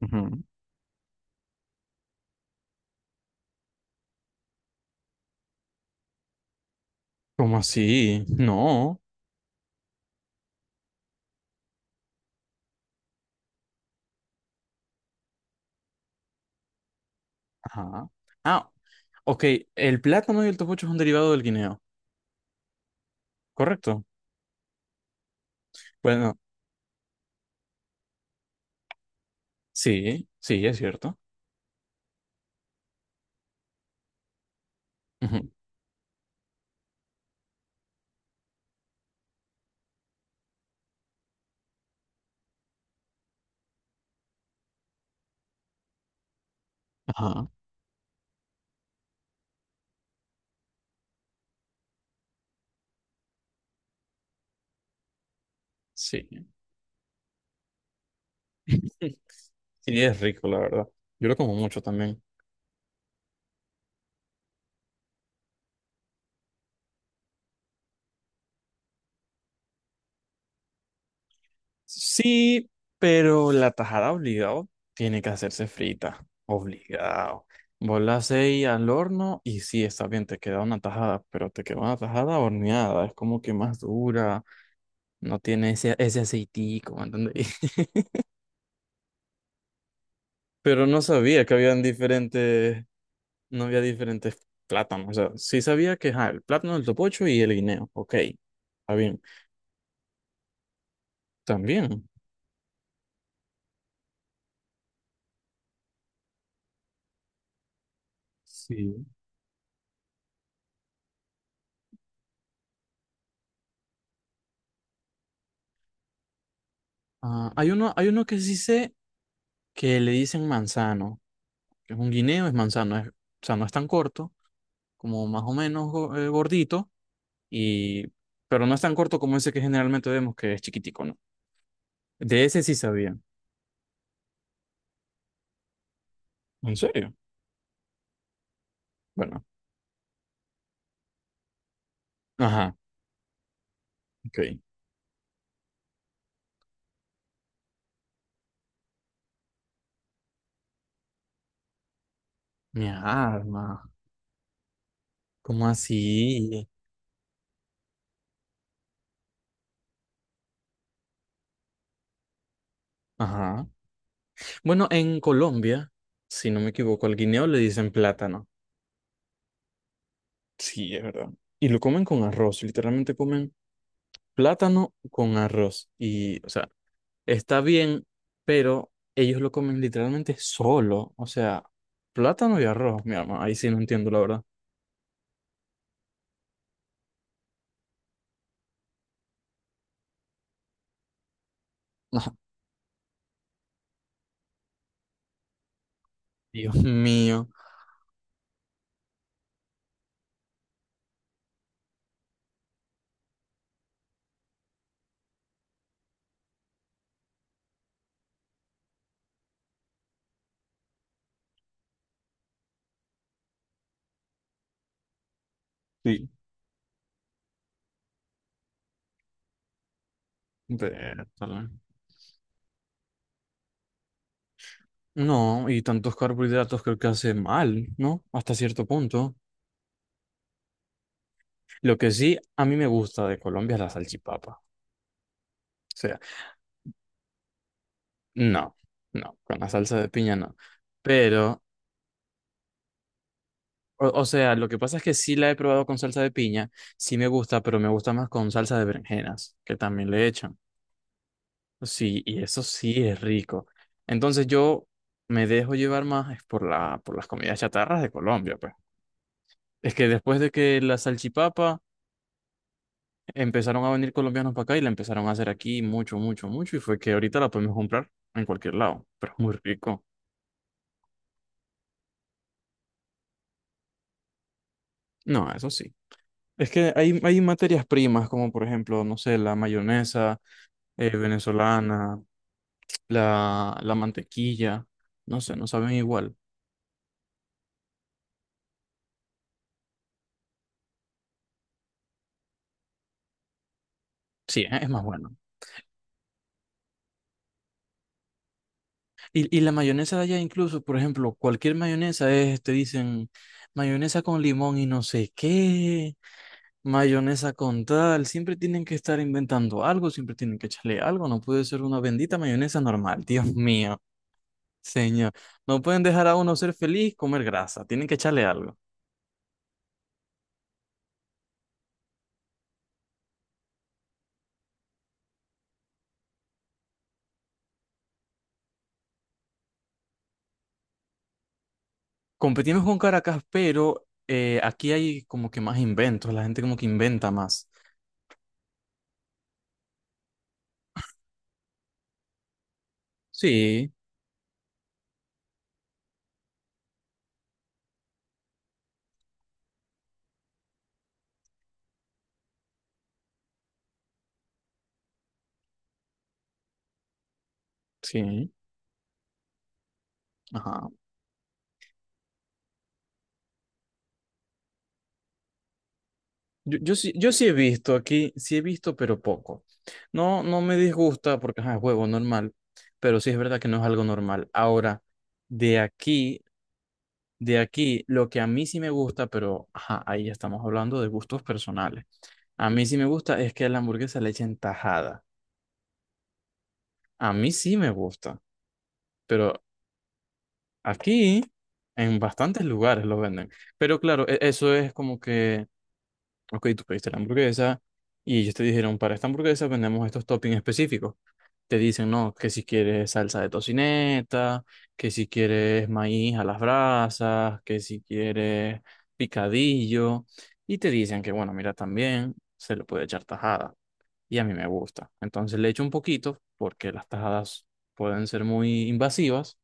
Ujú. ¿Cómo así? No. Ajá. Ah, ok. El plátano y el topocho es un derivado del guineo, ¿correcto? Bueno, sí, sí, es cierto. Ujú. Ajá. Sí. Sí, es rico, la verdad. Yo lo como mucho también. Sí, pero la tajada obligado tiene que hacerse frita. Obligado. Vos la hacéis al horno y sí, está bien, te queda una tajada, pero te queda una tajada horneada. Es como que más dura. No tiene ese aceitico, ¿me entendéis? Pero no sabía que habían diferentes, no había diferentes plátanos. O sea, sí sabía que ajá, el plátano, el topocho y el guineo. Ok, está bien. También. Sí. Ah, hay uno que sí sé que le dicen manzano. Que es un guineo, es manzano. O sea, no es tan corto, como más o menos gordito, y, pero no es tan corto como ese que generalmente vemos que es chiquitico, ¿no? De ese sí sabía. ¿En serio? Bueno, ajá, ok. Mi arma. ¿Cómo así? Ajá. Bueno, en Colombia, si no me equivoco, al guineo le dicen plátano. Sí, es verdad. Y lo comen con arroz, literalmente comen plátano con arroz. Y, o sea, está bien, pero ellos lo comen literalmente solo. O sea, plátano y arroz, mi arma. Ahí sí no entiendo, la verdad. Ajá. Dios mío. Sí. Vértale. No, y tantos carbohidratos creo que hace mal, ¿no? Hasta cierto punto. Lo que sí a mí me gusta de Colombia es la salchipapa. O sea, no, no, con la salsa de piña no. Pero, o sea, lo que pasa es que sí la he probado con salsa de piña, sí me gusta, pero me gusta más con salsa de berenjenas, que también le echan. Sí, y eso sí es rico. Entonces yo me dejo llevar más es por por las comidas chatarras de Colombia, pues. Es que después de que la salchipapa empezaron a venir colombianos para acá y la empezaron a hacer aquí mucho, mucho, mucho. Y fue que ahorita la podemos comprar en cualquier lado, pero es muy rico. No, eso sí. Es que hay materias primas, como por ejemplo, no sé, la mayonesa venezolana, la mantequilla. No sé, no saben igual. Sí, es más bueno. Y la mayonesa de allá incluso, por ejemplo, cualquier mayonesa es, te dicen, mayonesa con limón y no sé qué. Mayonesa con tal, siempre tienen que estar inventando algo, siempre tienen que echarle algo, no puede ser una bendita mayonesa normal. Dios mío, señor. No pueden dejar a uno ser feliz, comer grasa, tienen que echarle algo. Competimos con Caracas, pero aquí hay como que más inventos, la gente como que inventa más. Sí, sí, ajá. Yo sí he visto aquí, sí he visto, pero poco. No, no me disgusta porque ajá, es juego normal, pero sí es verdad que no es algo normal. Ahora, de aquí. De aquí, lo que a mí sí me gusta, pero ajá, ahí ya estamos hablando de gustos personales. A mí sí me gusta es que a la hamburguesa le echen tajada. A mí sí me gusta, pero aquí en bastantes lugares lo venden. Pero claro, eso es como que ok, tú pediste la hamburguesa y ellos te dijeron, para esta hamburguesa vendemos estos toppings específicos. Te dicen, no, que si quieres salsa de tocineta, que si quieres maíz a las brasas, que si quieres picadillo. Y te dicen que, bueno, mira, también se le puede echar tajada. Y a mí me gusta. Entonces le echo un poquito, porque las tajadas pueden ser muy invasivas.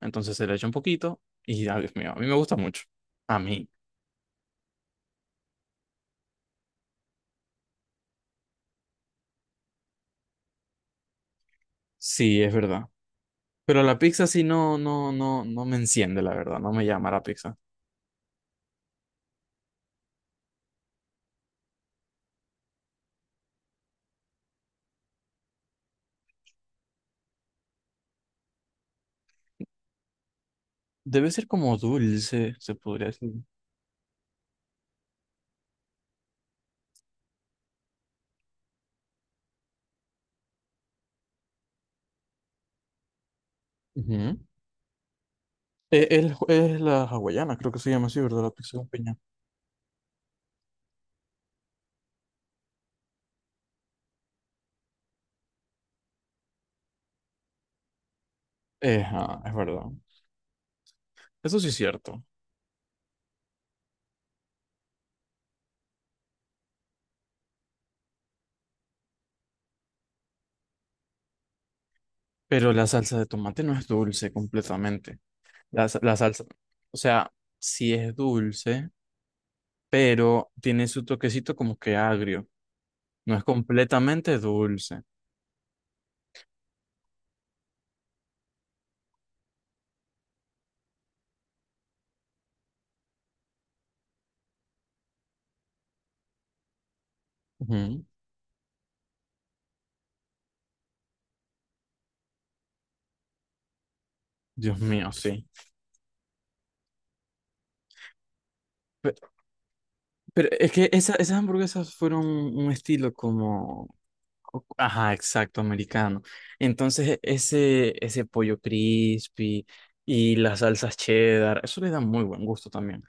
Entonces se le echa un poquito y, ay, Dios mío, a mí me gusta mucho. A mí. Sí, es verdad. Pero la pizza sí no, no, no, no me enciende, la verdad, no me llama la pizza. Debe ser como dulce, se podría decir. Ujú. La hawaiana, creo que se llama así, ¿verdad? La pizza con piña. Es verdad. Eso sí es cierto. Pero la salsa de tomate no es dulce completamente. La salsa, o sea, sí es dulce, pero tiene su toquecito como que agrio. No es completamente dulce. Ujú. Dios mío, sí. Pero es que esas hamburguesas fueron un estilo como, ajá, exacto, americano. Entonces, ese pollo crispy y las salsas cheddar, eso le da muy buen gusto también.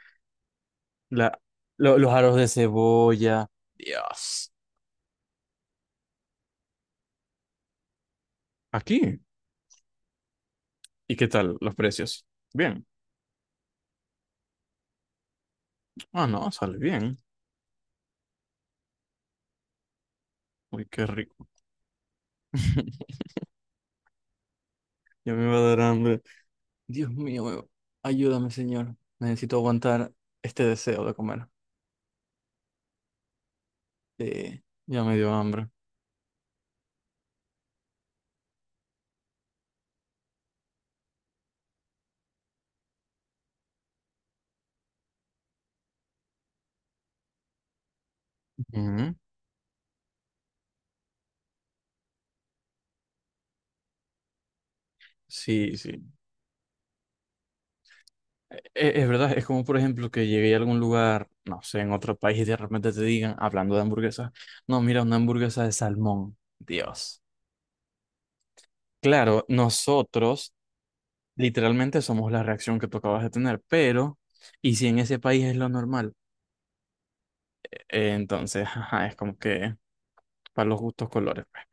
La, los aros de cebolla, Dios. Aquí. ¿Y qué tal los precios? Bien. Ah, no, sale bien. Uy, qué rico. Ya me va a dar hambre. Dios mío, me- Ayúdame, señor. Necesito aguantar este deseo de comer. Sí, ya me dio hambre. Ujú. Sí, sí. Verdad, es como por ejemplo que llegué a algún lugar, no sé, en otro país y de repente te digan, hablando de hamburguesas, no, mira, una hamburguesa de salmón. Dios. Claro, nosotros literalmente somos la reacción que tú acabas de tener, pero, ¿y si en ese país es lo normal? Entonces, ajá, es como que para los gustos colores, pues.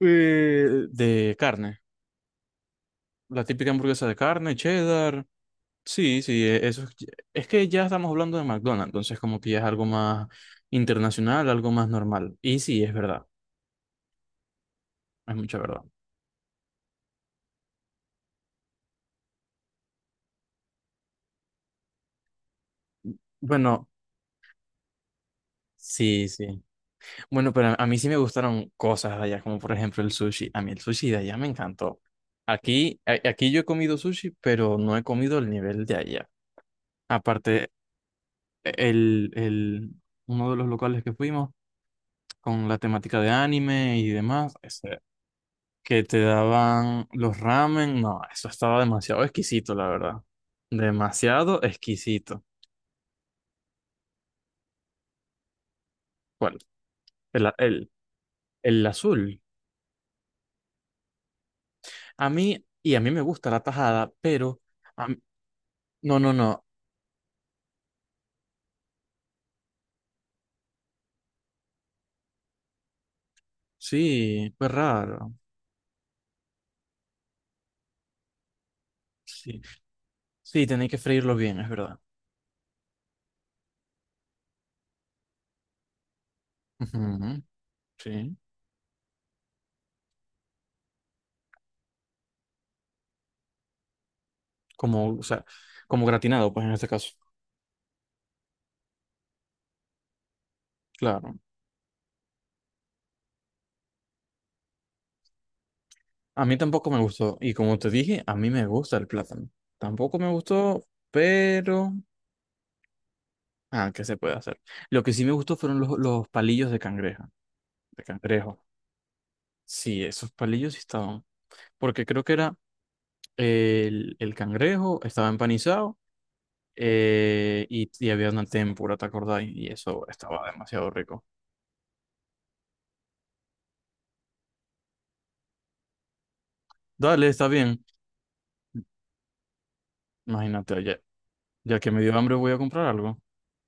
De carne, la típica hamburguesa de carne, cheddar. Sí, sí, eso es que ya estamos hablando de McDonald's, entonces como que ya es algo más internacional, algo más normal. Y sí, es verdad, es mucha verdad. Bueno, sí, sí. Bueno, pero a mí sí me gustaron cosas de allá, como por ejemplo el sushi. A mí el sushi de allá me encantó. Aquí, aquí yo he comido sushi, pero no he comido el nivel de allá. Aparte, el, el, uno de los locales que fuimos con la temática de anime y demás, que te daban los ramen. No, eso estaba demasiado exquisito, la verdad. Demasiado exquisito. ¿Cuál? El, a- el, el azul. A mí, y a mí me gusta la tajada, pero... a mí- no, no, no. Sí, fue raro. Sí, sí, tenéis que freírlo bien, es verdad. Ujú, sí. Como, o sea, como gratinado, pues en este caso. Claro. A mí tampoco me gustó. Y como te dije, a mí me gusta el plátano. Tampoco me gustó, pero... Ah, ¿qué se puede hacer? Lo que sí me gustó fueron los palillos de cangreja, de cangrejo. Sí, esos palillos sí estaban. Porque creo que era el cangrejo, estaba empanizado y había una tempura, ¿te acordás? Y eso estaba demasiado rico. Dale, está bien. Imagínate, ya que me dio hambre voy a comprar algo.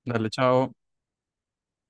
Dale, chao.